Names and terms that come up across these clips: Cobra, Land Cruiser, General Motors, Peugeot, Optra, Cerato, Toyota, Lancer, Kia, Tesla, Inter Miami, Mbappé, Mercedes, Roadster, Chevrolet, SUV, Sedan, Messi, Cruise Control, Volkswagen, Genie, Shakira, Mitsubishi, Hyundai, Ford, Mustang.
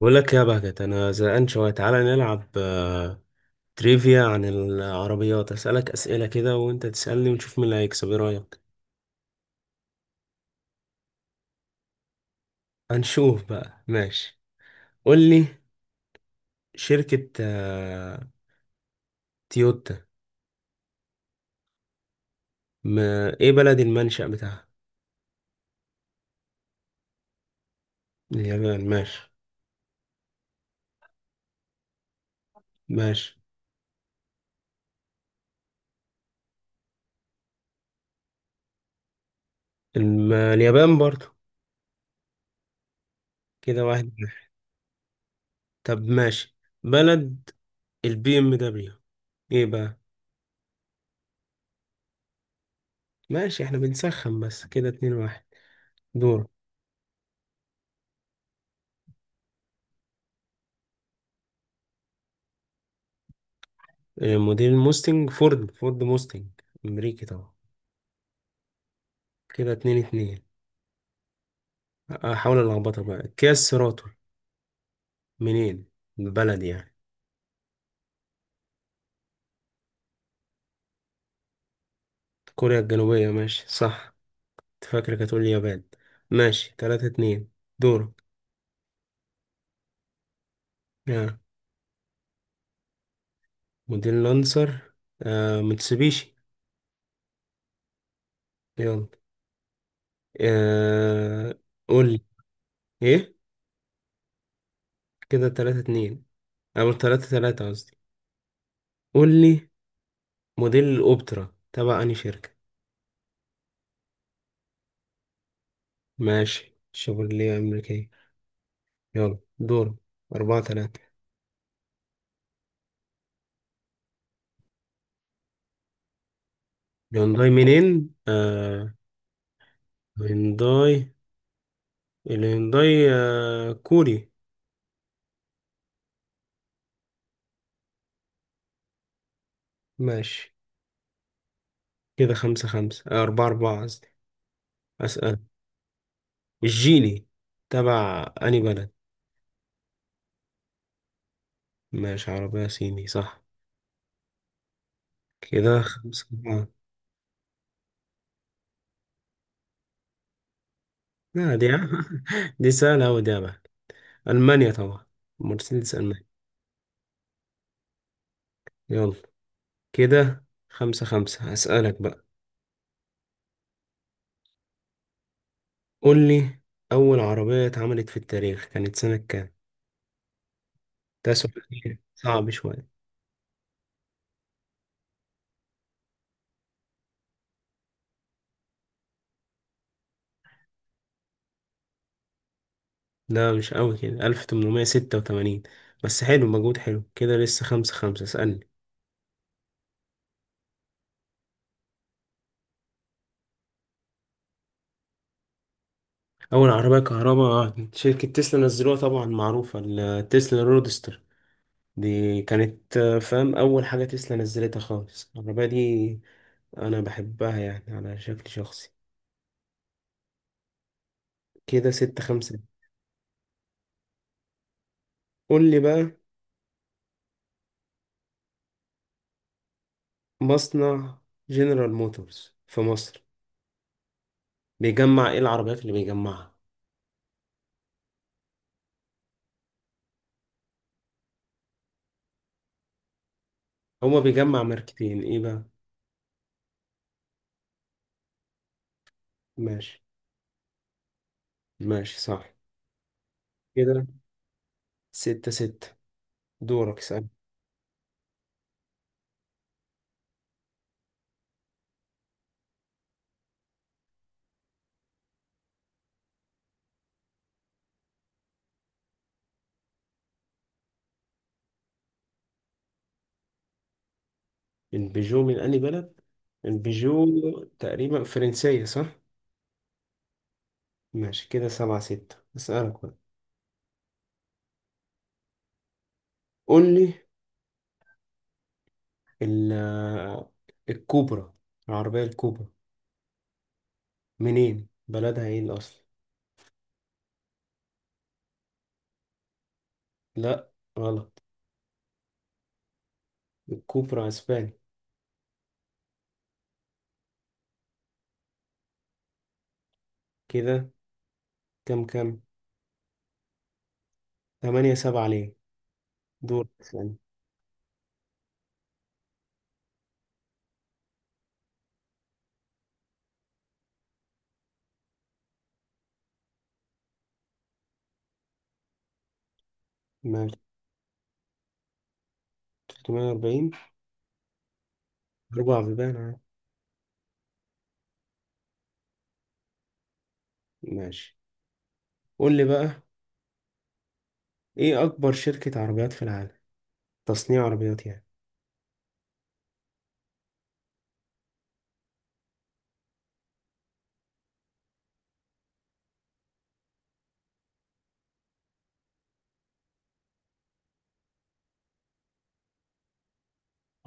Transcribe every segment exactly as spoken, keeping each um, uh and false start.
بقول لك يا بهجت، انا زهقان شويه، تعالى نلعب آه، تريفيا عن العربيات، اسالك اسئله كده وانت تسالني ونشوف مين اللي هيكسب. ايه رايك؟ هنشوف بقى. ماشي، قول لي. شركه آه، تويوتا، ما ايه بلد المنشأ بتاعها؟ اليابان، ماشي. ماشي، الم- اليابان برضو. كده واحد واحد. طب ماشي، بلد البي ام دبليو ايه بقى؟ ماشي احنا بنسخن بس، كده اتنين واحد. دور. آه، موديل موستنج، فورد فورد موستنج، امريكي طبعا. كده اتنين اتنين. احاول الخبطك بقى، كيا سيراتو منين؟ البلد يعني. كوريا الجنوبية، ماشي صح. كنت فاكرك هتقول اليابان. ماشي، تلاتة اتنين. دورك. آه. موديل لانسر. آه. متسوبيشي. يلا. آه. قول لي ايه. كده تلاتة اتنين، او تلاتة تلاتة قصدي. قول لي. موديل الاوبترا تبع انهي شركة؟ ماشي، شيفروليه امريكية. يلا دور. أربعة تلاتة. الهيونداي منين؟ آه. هيونداي. الهيونداي آه كوري. ماشي، كده خمسة خمسة، آه أربعة أربعة قصدي. أسأل. الجيني تبع أنهي بلد؟ ماشي، عربية صيني صح. كده خمسة أربعة. لا دي دي سهلة أوي دي يا بقى، ألمانيا طبعا. مرسيدس ألمانيا. يلا، كده خمسة خمسة، هسألك بقى. قول لي، أول عربية اتعملت في التاريخ كانت سنة كام؟ ده سؤال. إيه؟ صعب شوية. لا، مش قوي كده، ألف وتمنمية وستة وتمانين. بس حلو، مجهود حلو كده، لسه خمسة خمسة، اسألني. أول عربية كهرباء آه، شركة تسلا نزلوها، طبعا معروفة التسلا رودستر، دي كانت آه، فاهم، أول حاجة تسلا نزلتها خالص العربية دي، أنا بحبها يعني على شكل شخصي. كده ستة خمسة. قول لي بقى، مصنع جنرال موتورز في مصر بيجمع إيه؟ العربيات اللي بيجمعها، هو بيجمع ماركتين إيه بقى؟ ماشي. ماشي صح. كده ستة ستة، دورك سأل. البيجو من أنهي بلد؟ البيجو تقريبا فرنسية صح؟ ماشي، كده سبعة ستة، أسألك بقى. قول لي، ال- الكوبرا، العربية الكوبرا منين؟ بلدها ايه الأصل؟ لأ، غلط. الكوبرا أسباني. كده كام كام؟ تمانية سبعة، ليه؟ دور ثاني. ماشي، تلتمية وأربعين، أربع بيبان عادي. ماشي، قول لي بقى، ايه أكبر شركة عربيات في العالم؟ تصنيع عربيات يعني.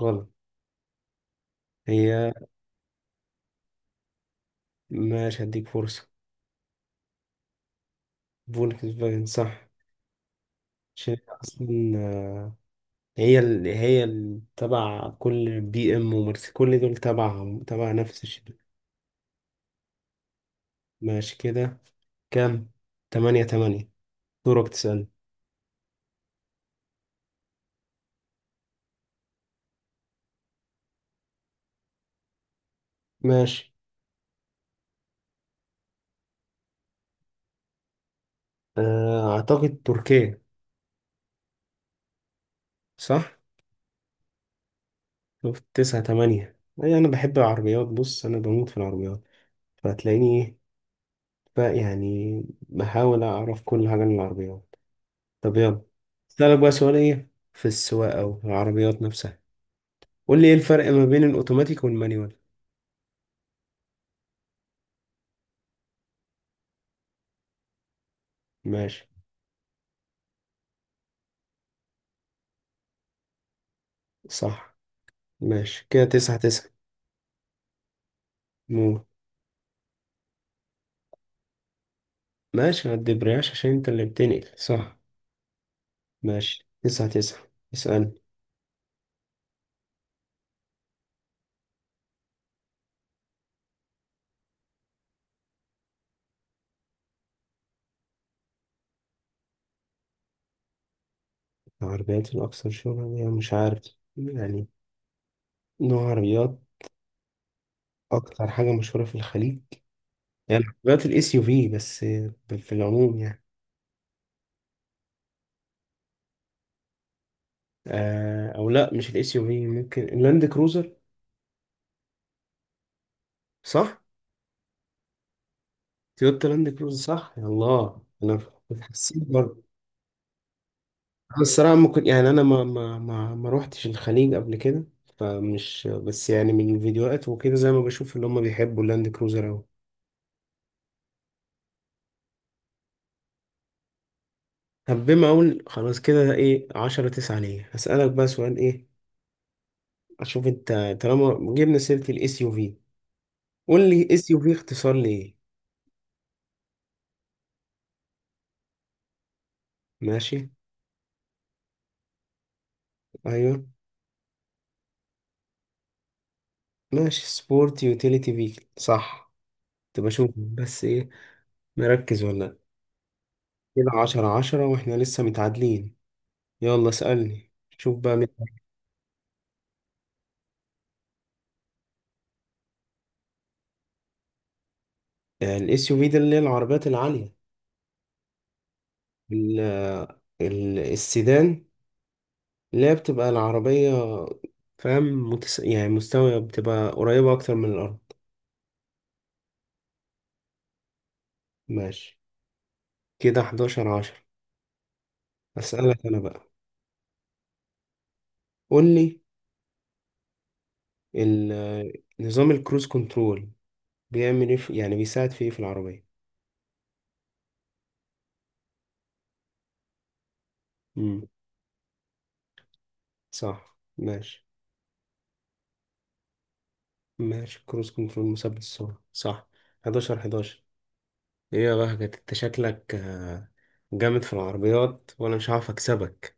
غلط. هي. ماشي، هديك فرصة. فولكسفاجن صح، عشان أصلا هي ال... هي ال... تبع كل بي إم ومرسي، كل دول تبع تبع نفس الشركة. ماشي، كده كام؟ تمانية تمانية. دورك تسأل. ماشي، آه، أعتقد تركيا. صح؟ شفت، تسعة تمانية. أي، أنا بحب العربيات، بص أنا بموت في العربيات، فهتلاقيني إيه بقى يعني، بحاول أعرف كل حاجة عن العربيات. طب يلا، أسألك بقى سؤال إيه في السواقة أو في العربيات نفسها. قول لي، ايه الفرق ما بين الاوتوماتيك والمانيوال؟ ماشي، صح. ماشي، كده تسعة تسعة. مو. ماشي، ما تدبرياش عشان انت اللي بتنقل، صح. ماشي، تسعة تسعة، اسألني. العربيات الأكثر شهرة يعني مش عارف. يعني نوع عربيات. أكتر حاجة مشهورة في الخليج، يعني عربيات الاس يو في بس، في العموم يعني. آه، أو لأ مش الاس يو في، ممكن اللاند كروزر. صح؟ تويوتا لاند كروزر صح؟ يا الله. أنا حسيت الصراحة، ممكن يعني أنا ما ما ما ما روحتش الخليج قبل كده، فمش بس يعني من الفيديوهات وكده، زي ما بشوف اللي هم بيحبوا اللاند كروزر أوي. طب بما أقول خلاص، كده إيه، عشرة تسعة ليا، هسألك بقى سؤال إيه، أشوف أنت. طالما جبنا سيرة الإس يو في، قول لي إس يو في اختصار لإيه؟ ماشي. أيوه. ماشي، سبورت يوتيليتي فيكل، صح. تبقى شوف بس إيه، مركز ولا لأ. كده عشرة عشرة، وإحنا لسه متعادلين. يلا اسألني، شوف بقى. الاس يو في ده اللي هي العربيات العالية. ال- ال- السيدان اللي هي بتبقى العربية، فاهم، متس... يعني مستوية، بتبقى قريبة أكتر من الأرض. ماشي، كده حداشر عشرة. أسألك أنا بقى، قولي، ال- نظام الكروز كنترول بيعمل إيه في، يعني بيساعد في إيه في العربية؟ مم. صح، ماشي. ماشي، كروز كنترول مثبت السرعة، صح. حداشر حداشر. إيه يا بهجت، أنت شكلك آه، جامد في العربيات، وأنا مش هعرف أكسبك.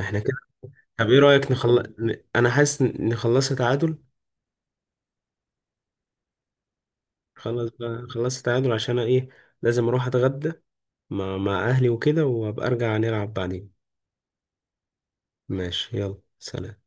احنا كده. طب ايه رأيك نخلص؟ انا حاسس إن نخلصها تعادل. خلاص بقى، نخلصها تعادل، عشان أنا ايه، لازم اروح اتغدى مع مع اهلي وكده، وابقى ارجع نلعب بعدين. ماشي، يلا سلام.